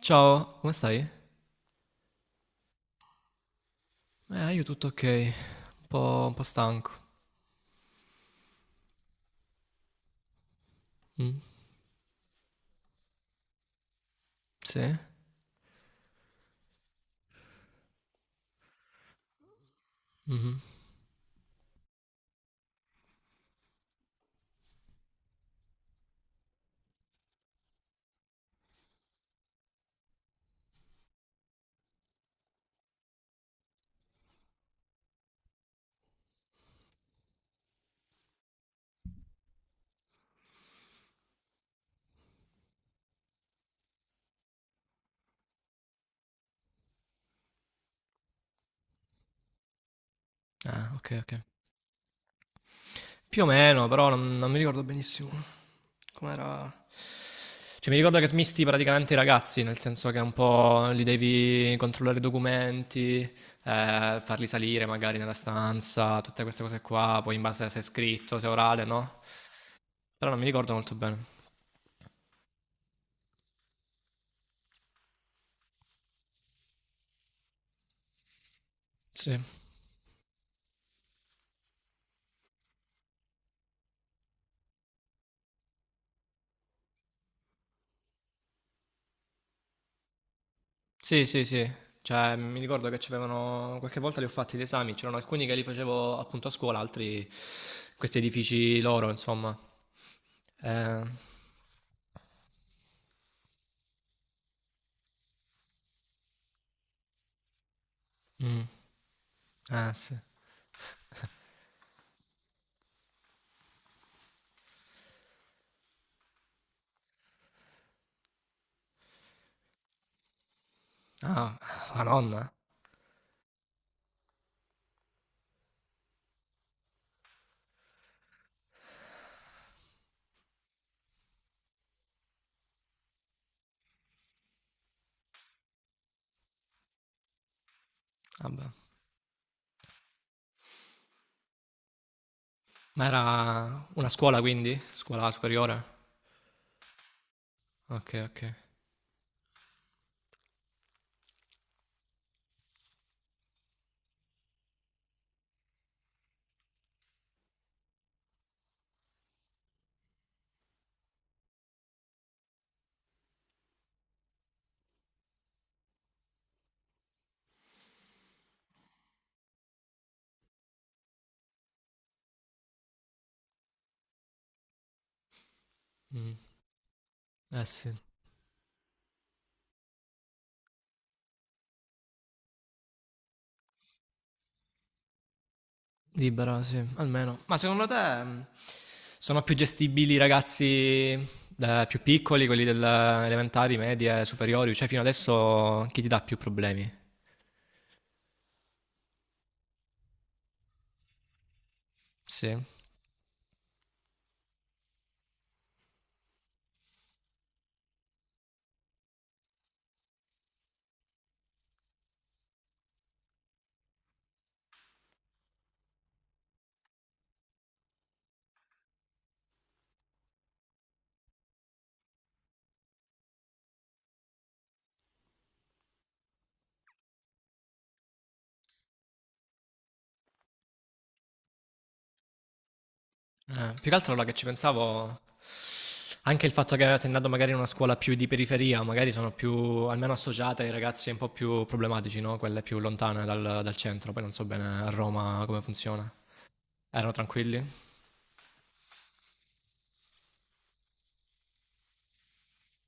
Ciao, come stai? Io tutto ok, un po' stanco. Mm? Sì? Mhm. Ah, ok, ok. Più o meno, però non mi ricordo benissimo com'era. Cioè, mi ricordo che smisti praticamente i ragazzi, nel senso che un po' li devi controllare i documenti, farli salire magari nella stanza, tutte queste cose qua, poi in base a se è scritto, se è orale, no? Però non mi ricordo molto bene. Sì. Sì, sì, sì. Cioè, mi ricordo che c'avevano qualche volta li ho fatti gli esami, c'erano alcuni che li facevo appunto a scuola, altri questi edifici loro, insomma. Eh, mm, ah, sì. Ah, la nonna. Vabbè. Ma era una scuola quindi? Scuola superiore? Ok, ok. Mm. Eh sì. Libera, sì, almeno. Ma secondo te, sono più gestibili i ragazzi più piccoli, quelli delle elementari, medie, superiori? Cioè, fino adesso chi ti dà più problemi? Sì. Più che altro allora che ci pensavo, anche il fatto che sei andato magari in una scuola più di periferia, magari sono più, almeno associate ai ragazzi un po' più problematici, no? Quelle più lontane dal centro, poi non so bene a Roma come funziona. Erano tranquilli?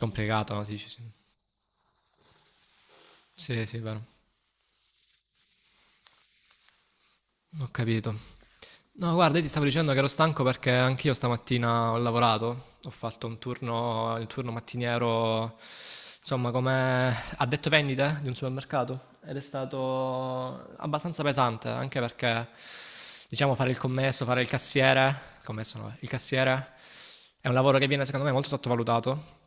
Complicato, no? Ti Dici, sì. Sì, sì, vero. Ho capito. No, guarda, io ti stavo dicendo che ero stanco perché anch'io stamattina ho lavorato, ho fatto un turno, il turno mattiniero, insomma, come addetto vendite di un supermercato ed è stato abbastanza pesante, anche perché, diciamo, fare il commesso, fare il cassiere, il commesso no, il cassiere è un lavoro che viene secondo me molto sottovalutato,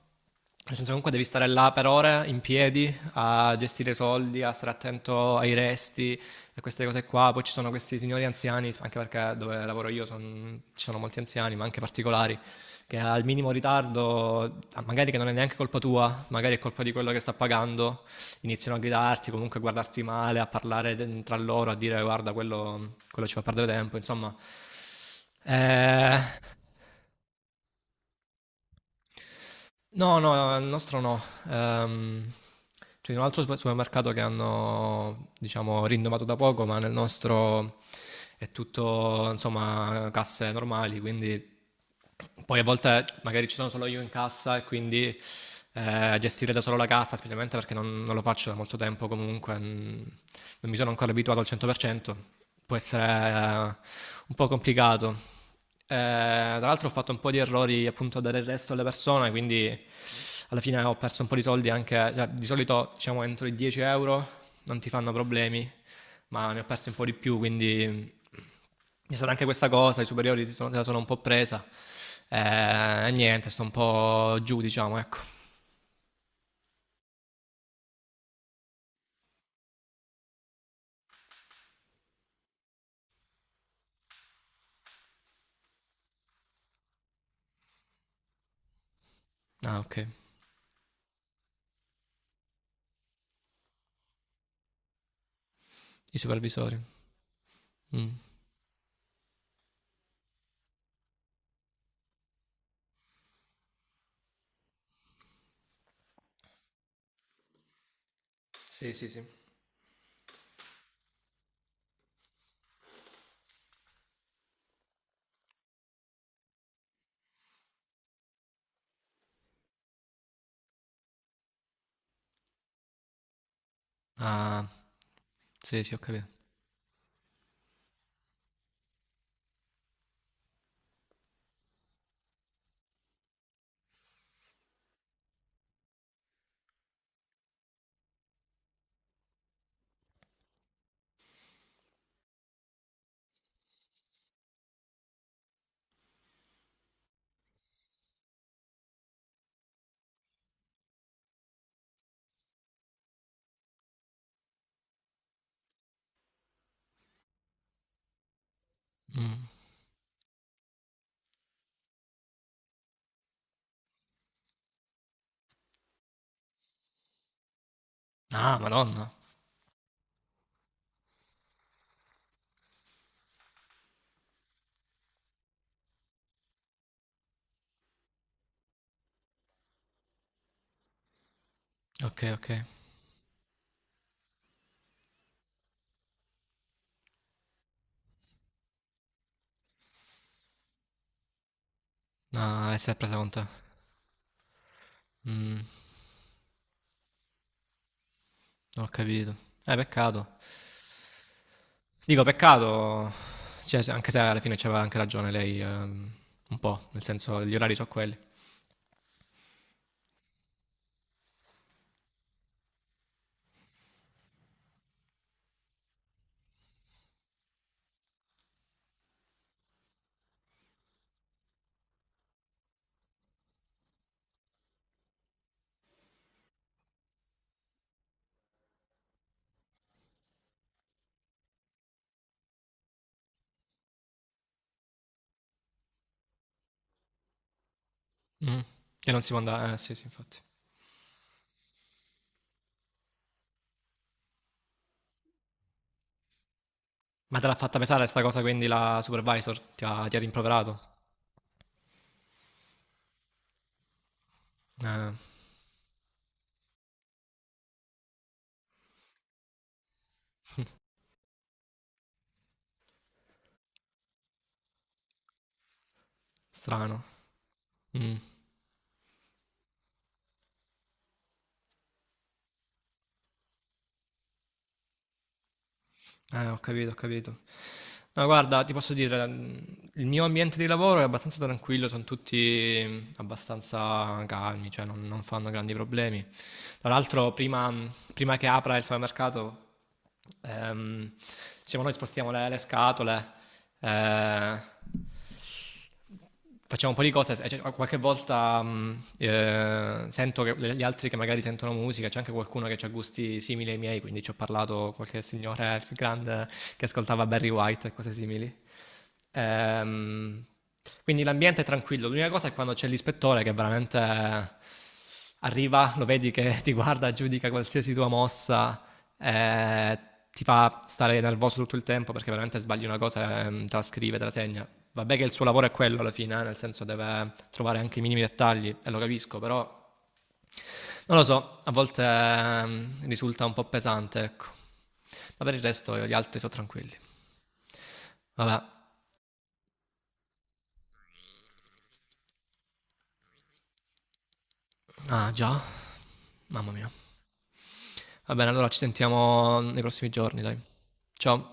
nel senso comunque devi stare là per ore in piedi a gestire soldi, a stare attento ai resti e queste cose qua. Poi ci sono questi signori anziani, anche perché dove lavoro io son- ci sono molti anziani, ma anche particolari, che al minimo ritardo, ah, magari che non è neanche colpa tua, magari è colpa di quello che sta pagando, iniziano a gridarti, comunque a guardarti male, a parlare de- tra loro, a dire guarda quello, quello ci fa perdere tempo, insomma. Eh, No, no, il nostro no. Ehm, C'è un altro super- supermercato che hanno, diciamo, rinnovato da poco, ma nel nostro è tutto, insomma, casse normali, quindi poi a volte magari ci sono solo io in cassa e quindi gestire da solo la cassa, specialmente perché non lo faccio da molto tempo comunque, mm, non mi sono ancora abituato al 100%, può essere, un po' complicato. Eh, Tra l'altro ho fatto un po' di errori appunto a dare il resto alle persone, quindi alla fine ho perso un po' di soldi anche, cioè, di solito diciamo entro i 10 euro non ti fanno problemi, ma ne ho persi un po' di più, quindi c'è stata anche questa cosa, i superiori si sono- se la sono un po' presa, eh, niente, sto un po' giù diciamo, ecco. Ah ok, i supervisori. Mm. Sì, sì, sì. Ah, sì, sì, ho capito. Mm. Ah, madonna. Ok, ok. Ah, e si è presa con te. Mm, ho capito. Peccato. Dico, peccato, cioè, se- anche se alla fine c'aveva anche ragione lei, un po', nel senso, gli orari sono quelli. Mm. Che non si può andare, sì, sì, infatti. Ma te l'ha fatta pesare sta cosa, quindi la supervisor ti ha rimproverato? Eh, strano. Mm. Ho capito, ho capito. No, guarda, ti posso dire, il mio ambiente di lavoro è abbastanza tranquillo, sono tutti abbastanza calmi, cioè non fanno grandi problemi. Tra l'altro, prima, prima che apra il supermercato, ehm, diciamo, noi spostiamo le scatole, eh, facciamo un po' di cose, cioè, qualche volta sento che le- gli altri che magari sentono musica, c'è anche qualcuno che ha gusti simili ai miei, quindi ci ho parlato qualche signore grande che ascoltava Barry White e cose simili. Ehm, quindi l'ambiente è tranquillo, l'unica cosa è quando c'è l'ispettore che veramente arriva, lo vedi che ti guarda, giudica qualsiasi tua mossa, eh, ti fa stare nervoso tutto il tempo perché veramente sbagli una cosa, te la scrive, te la segna. Vabbè che il suo lavoro è quello alla fine, nel senso deve trovare anche i minimi dettagli, e lo capisco, però non lo so, a volte risulta un po' pesante, ecco. Ma per il resto io- gli altri sono tranquilli. Vabbè, ah già, mamma mia. Va bene, allora ci sentiamo nei prossimi giorni, dai. Ciao.